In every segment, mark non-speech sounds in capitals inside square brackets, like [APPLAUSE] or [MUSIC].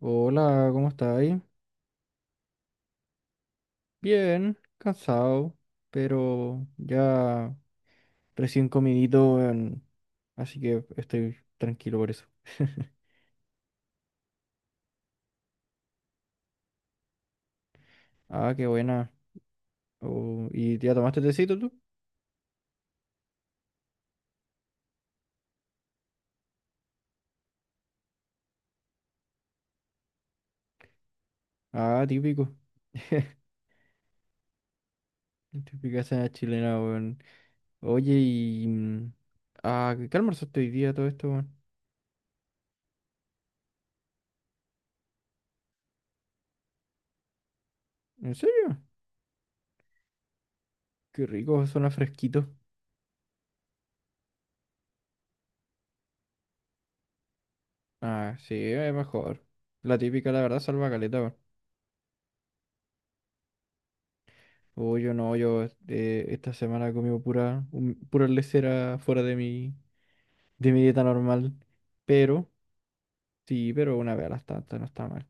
Hola, ¿cómo estáis? Bien, cansado, pero ya recién comidito, weón, así que estoy tranquilo por eso. Ah, qué buena. Oh, ¿y ya tomaste tecito tú? Ah, típico. [LAUGHS] Típica cena chilena, weón. Oye, ah, ¿qué almorzaste hoy día todo esto, weón? ¿En serio? Qué rico, suena fresquito. Ah, sí, es mejor. La típica, la verdad, salva caleta, weón. Oh, yo no, yo esta semana he comido pura, pura lesera fuera de mi dieta normal. Pero, sí, pero una vez a las tantas no está mal.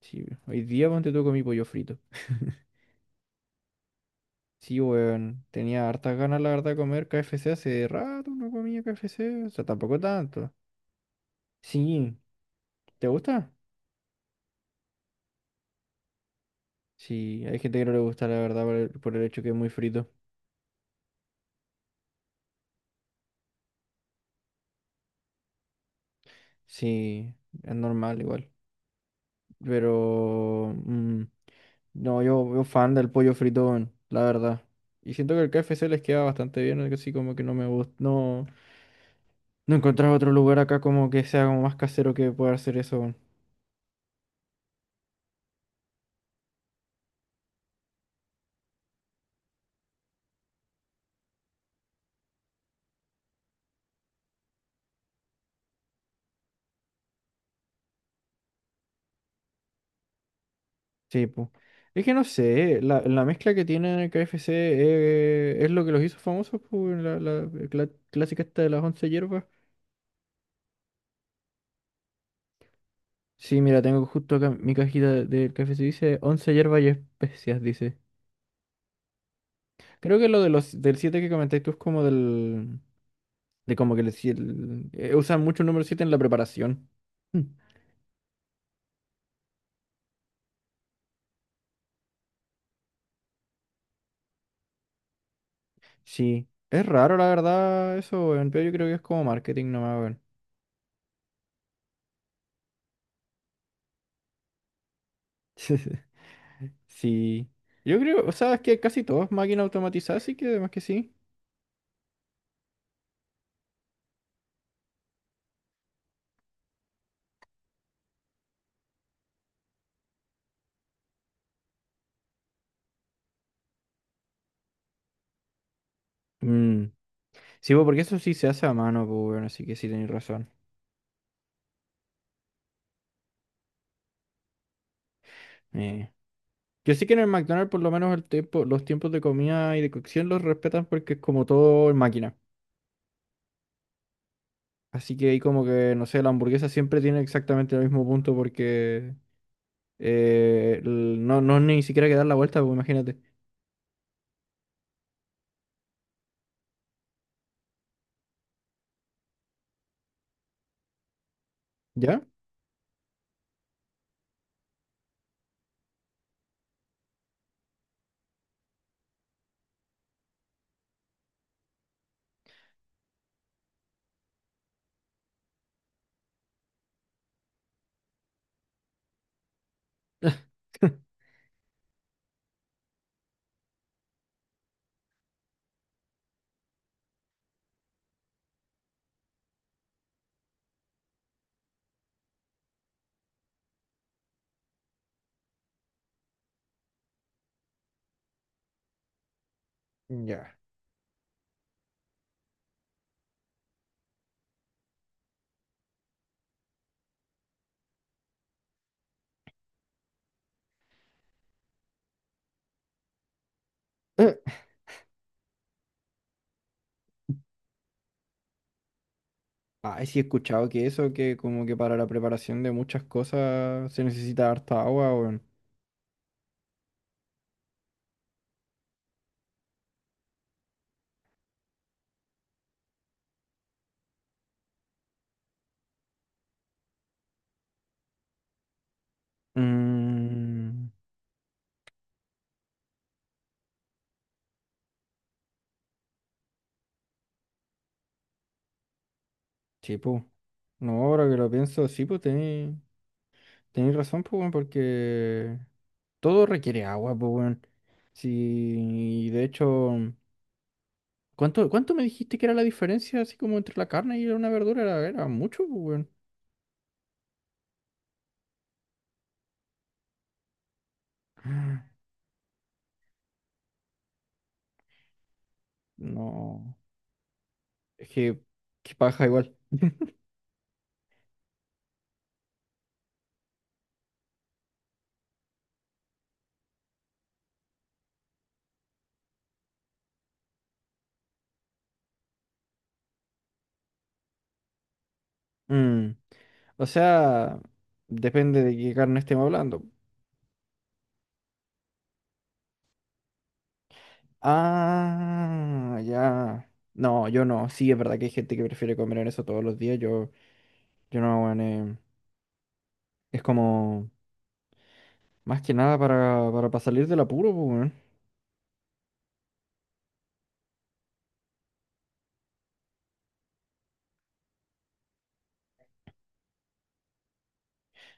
Sí, hoy día ponte tú comí pollo frito. [LAUGHS] Sí, weón, tenía hartas ganas, la verdad, de comer KFC. Hace rato no comía KFC, o sea, tampoco tanto. Sí, ¿te gusta? Sí, hay gente que no le gusta, la verdad, por el hecho que es muy frito. Sí, es normal igual. Pero no, yo fan del pollo fritón, la verdad. Y siento que el KFC les queda bastante bien, así como que no me gusta. No, no encontrar otro lugar acá como que sea como más casero que pueda hacer eso. Weón. Sí, po. Es que no sé, la mezcla que tiene el KFC es lo que los hizo famosos, po, weón, la clásica esta de las 11 hierbas. Sí, mira, tengo justo acá mi cajita del KFC, dice 11 hierbas y especias, dice. Creo que lo de del 7 que comentáis tú es como del. De como que le, si- el- usan mucho el número 7 en la preparación. Mm. Sí. Es raro, la verdad, eso, weón, pero yo creo que es como marketing nomás, weón. [LAUGHS] Sí. Yo creo, o sea, es que casi todo es máquina automatizada, así que además que sí. Mm. Sí, pues, porque eso sí se hace a mano, pues, bueno, así que sí tenéis razón. Eh. Yo sé que en el McDonald's por lo menos los tiempos de comida y de cocción los respetan porque es como todo en máquina. Así que ahí como que, no sé, la hamburguesa siempre tiene exactamente el mismo punto porque no, no ni siquiera que dar la vuelta, pues imagínate. ¿Ya? [LAUGHS] Ya. Eh, ay, sí he escuchado que eso, que como que para la preparación de muchas cosas se necesita harta agua, weón. Mm, sí, pues. No, ahora que lo pienso, sí, pues tenéis razón, pues, weón, porque todo requiere agua, pues, weón. Sí, y de hecho, ¿cuánto me dijiste que era la diferencia así como entre la carne y una verdura? Era mucho, pues, weón. [GASPS] No. Es que paja igual. Mm, O sea, depende de qué carne estemos hablando. Ah, ya. No, yo no. Sí, es verdad que hay gente que prefiere comer en eso todos los días. Yo no, weón, es como más que nada pa' salir del apuro, pues, weón.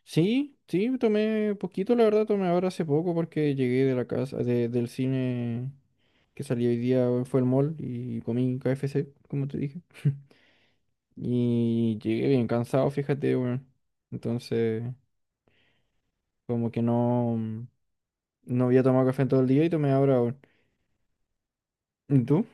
Sí, sí, tomé poquito, la verdad, tomé ahora hace poco porque llegué de la casa, del cine que salí hoy día, weón, fue el mall y comí KFC, como te dije. [LAUGHS] Y llegué bien cansado, fíjate, weón. Entonces, como que no había tomado café en todo el día y tomé ahora, weón. ¿Y tú?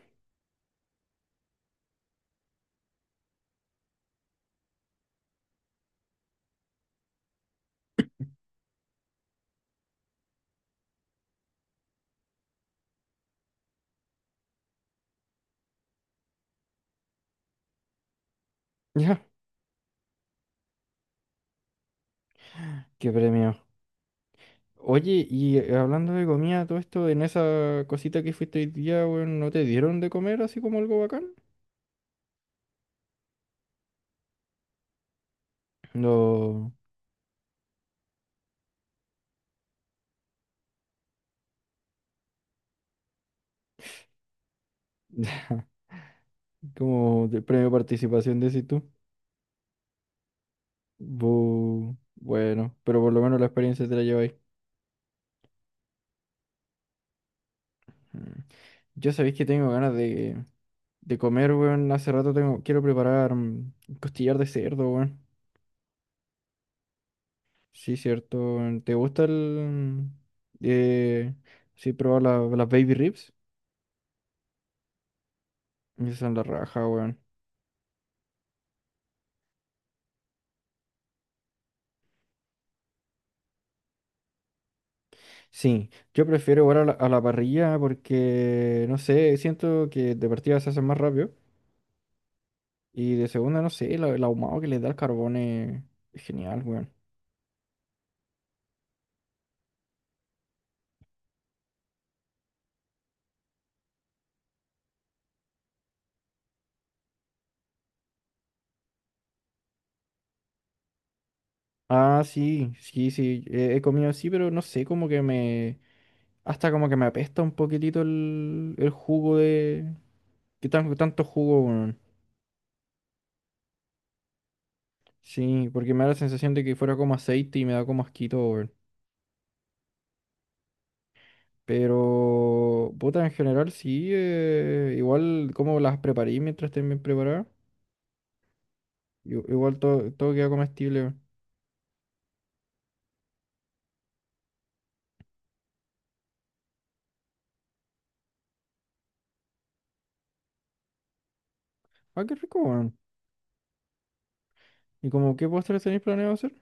Ya, qué premio. Oye, y hablando de comida, todo esto, en esa cosita que fuiste hoy día, weón, ¿no te dieron de comer así como algo bacán? No. [LAUGHS] Como de premio participación, decís tú. Bueno, pero por lo menos la experiencia te la lleváis. Mm. Yo sabéis que tengo ganas de comer, weón. Hace rato quiero preparar costillar de cerdo, weón. Sí, cierto. Weón. ¿Te gusta el... Eh, sí, probar las baby ribs? Esas son la raja, weón. Sí, yo prefiero igual a la, parrilla porque, no sé, siento que de partida se hacen más rápido. Y de segunda, no sé, el ahumado que le da el carbón es genial, weón. Ah, sí, sí, sí. He comido así, pero no sé, como que me. Hasta como que me apesta un poquitito el jugo de. ¿Qué tanto jugo, weón? Sí, porque me da la sensación de que fuera como aceite y me da como asquito, weón. Pero, puta, en general sí, igual como las preparé mientras estén bien preparadas, igual todo queda comestible, weón. Ah, qué rico, weón. ¿Y como qué postres tenéis planeado hacer?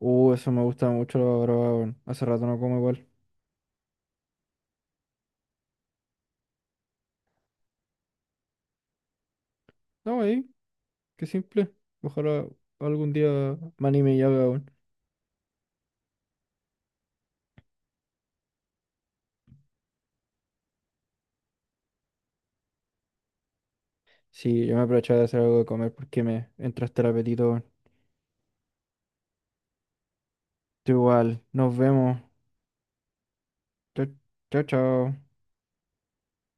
Eso me gusta mucho, la verdad, weón. Hace rato no como igual. No, ahí, qué simple. Ojalá algún día me anime y haga, weón. Sí, yo me aprovechaba de hacer algo de comer porque me entraste el apetito. Tú igual, nos vemos. Chao, chao, chao.